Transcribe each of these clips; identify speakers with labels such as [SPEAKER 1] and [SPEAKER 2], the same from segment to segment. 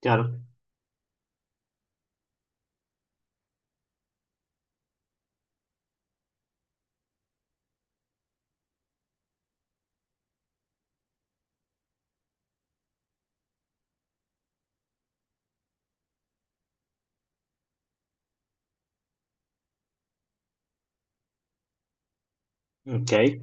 [SPEAKER 1] Chiaro, okay,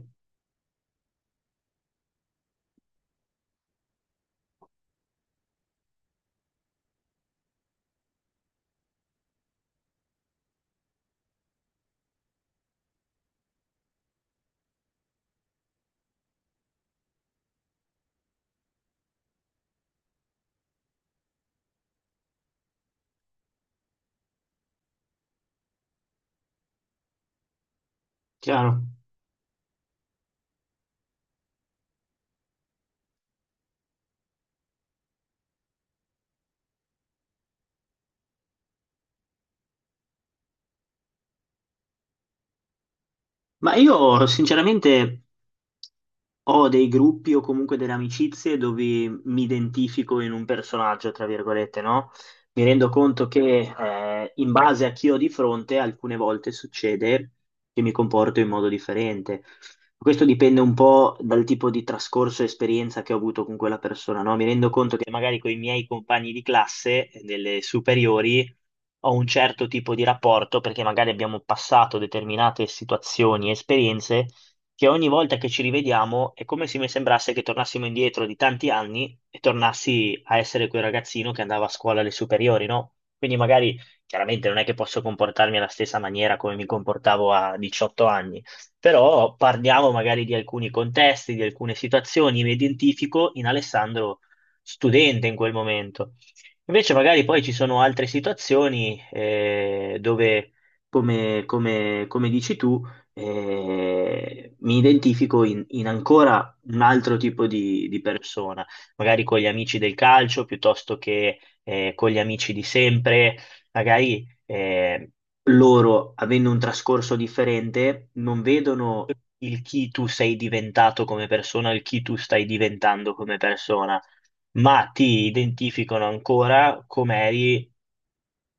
[SPEAKER 1] chiaro. Ma io sinceramente ho dei gruppi o comunque delle amicizie dove mi identifico in un personaggio, tra virgolette, no? Mi rendo conto che in base a chi ho di fronte, alcune volte succede che mi comporto in modo differente. Questo dipende un po' dal tipo di trascorso e esperienza che ho avuto con quella persona, no? Mi rendo conto che magari con i miei compagni di classe, delle superiori, ho un certo tipo di rapporto perché magari abbiamo passato determinate situazioni e esperienze che ogni volta che ci rivediamo è come se mi sembrasse che tornassimo indietro di tanti anni e tornassi a essere quel ragazzino che andava a scuola alle superiori, no? Quindi magari chiaramente non è che posso comportarmi alla stessa maniera come mi comportavo a 18 anni, però parliamo magari di alcuni contesti, di alcune situazioni, mi identifico in Alessandro studente in quel momento. Invece magari poi ci sono altre situazioni dove come dici tu, mi identifico in ancora un altro tipo di persona, magari con gli amici del calcio piuttosto che con gli amici di sempre, magari loro, avendo un trascorso differente, non vedono il chi tu sei diventato come persona, il chi tu stai diventando come persona, ma ti identificano ancora come eri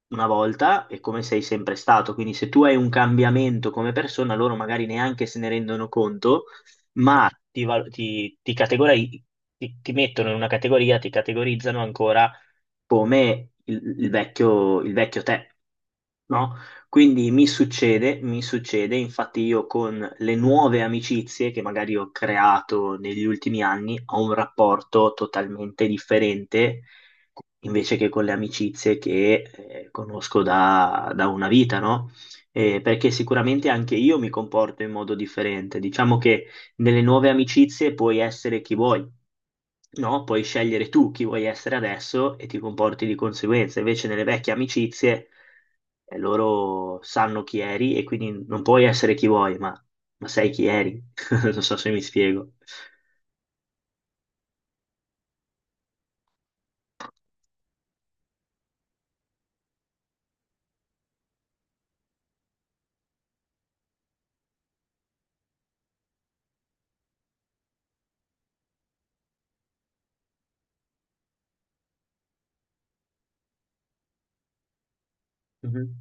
[SPEAKER 1] una volta e come sei sempre stato. Quindi se tu hai un cambiamento come persona, loro magari neanche se ne rendono conto, ma ti mettono in una categoria, ti categorizzano ancora come il vecchio te, no? Quindi mi succede, infatti io con le nuove amicizie che magari ho creato negli ultimi anni ho un rapporto totalmente differente invece che con le amicizie che conosco da una vita, no? Perché sicuramente anche io mi comporto in modo differente. Diciamo che nelle nuove amicizie puoi essere chi vuoi. No, puoi scegliere tu chi vuoi essere adesso e ti comporti di conseguenza. Invece nelle vecchie amicizie loro sanno chi eri e quindi non puoi essere chi vuoi, ma sai chi eri. Non so se mi spiego. Mhm.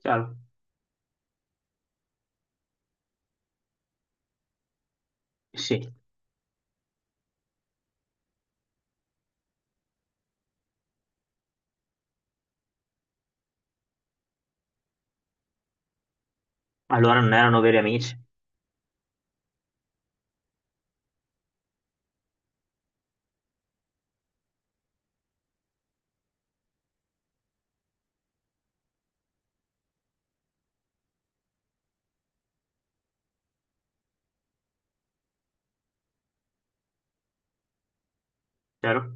[SPEAKER 1] Chiaro? Sì. Allora non erano veri amici, chiaro?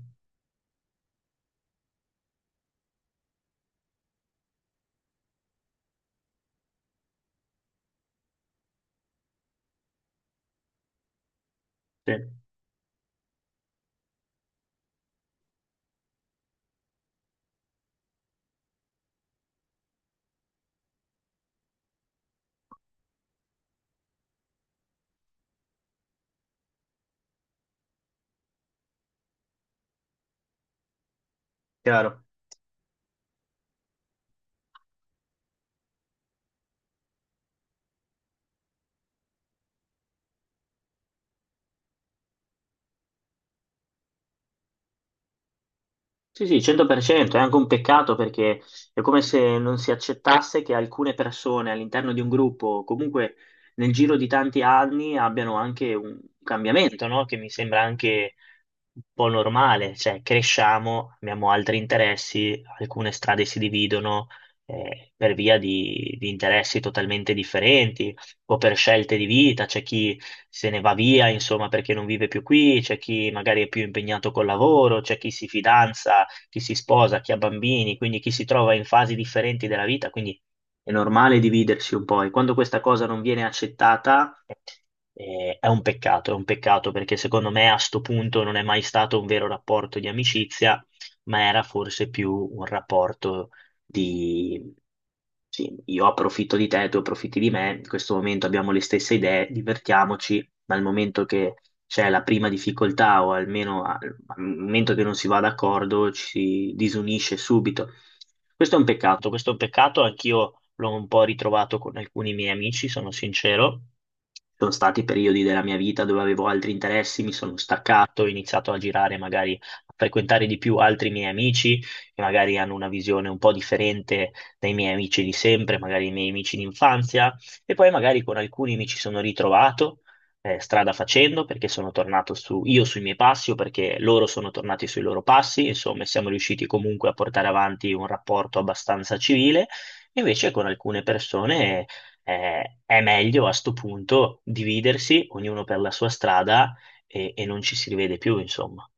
[SPEAKER 1] Sì, chiaro. Sì, sì, 100%, è anche un peccato perché è come se non si accettasse che alcune persone all'interno di un gruppo, o comunque nel giro di tanti anni, abbiano anche un cambiamento, no? Che mi sembra anche un po' normale, cioè cresciamo, abbiamo altri interessi, alcune strade si dividono per via di interessi totalmente differenti o per scelte di vita, c'è chi se ne va via, insomma, perché non vive più qui, c'è chi magari è più impegnato col lavoro, c'è chi si fidanza, chi si sposa, chi ha bambini, quindi chi si trova in fasi differenti della vita, quindi è normale dividersi un po', e quando questa cosa non viene accettata è un peccato perché secondo me a sto punto non è mai stato un vero rapporto di amicizia, ma era forse più un rapporto di sì, io approfitto di te, tu approfitti di me, in questo momento abbiamo le stesse idee, divertiamoci, dal momento che c'è la prima difficoltà o almeno al momento che non si va d'accordo ci si disunisce subito. Questo è un peccato, questo è un peccato, anch'io l'ho un po' ritrovato con alcuni miei amici, sono sincero. Ci sono stati periodi della mia vita dove avevo altri interessi, mi sono staccato, ho iniziato a girare, magari a frequentare di più altri miei amici che magari hanno una visione un po' differente dai miei amici di sempre, magari i miei amici d'infanzia, e poi magari con alcuni mi ci sono ritrovato strada facendo perché sono tornato su, io sui miei passi o perché loro sono tornati sui loro passi, insomma, siamo riusciti comunque a portare avanti un rapporto abbastanza civile. Invece con alcune persone è meglio a sto punto dividersi, ognuno per la sua strada, e non ci si rivede più, insomma.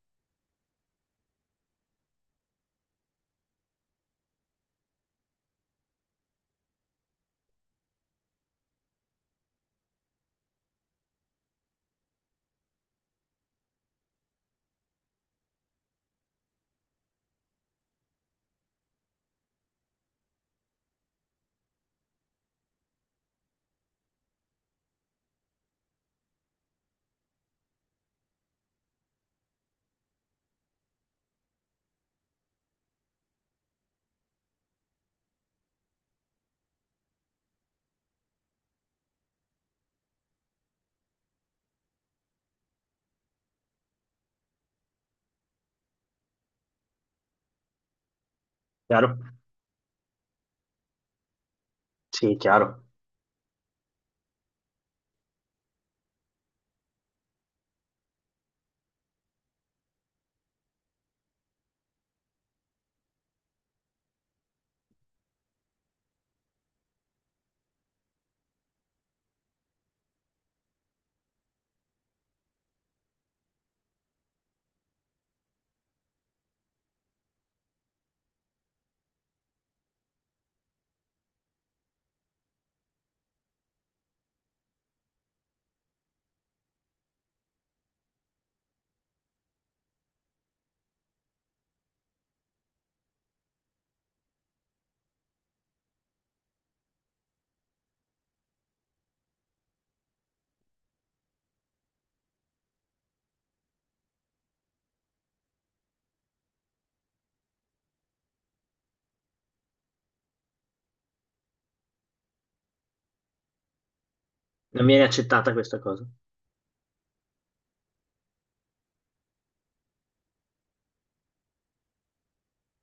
[SPEAKER 1] Chiaro? Sì, chiaro. Non viene accettata questa cosa.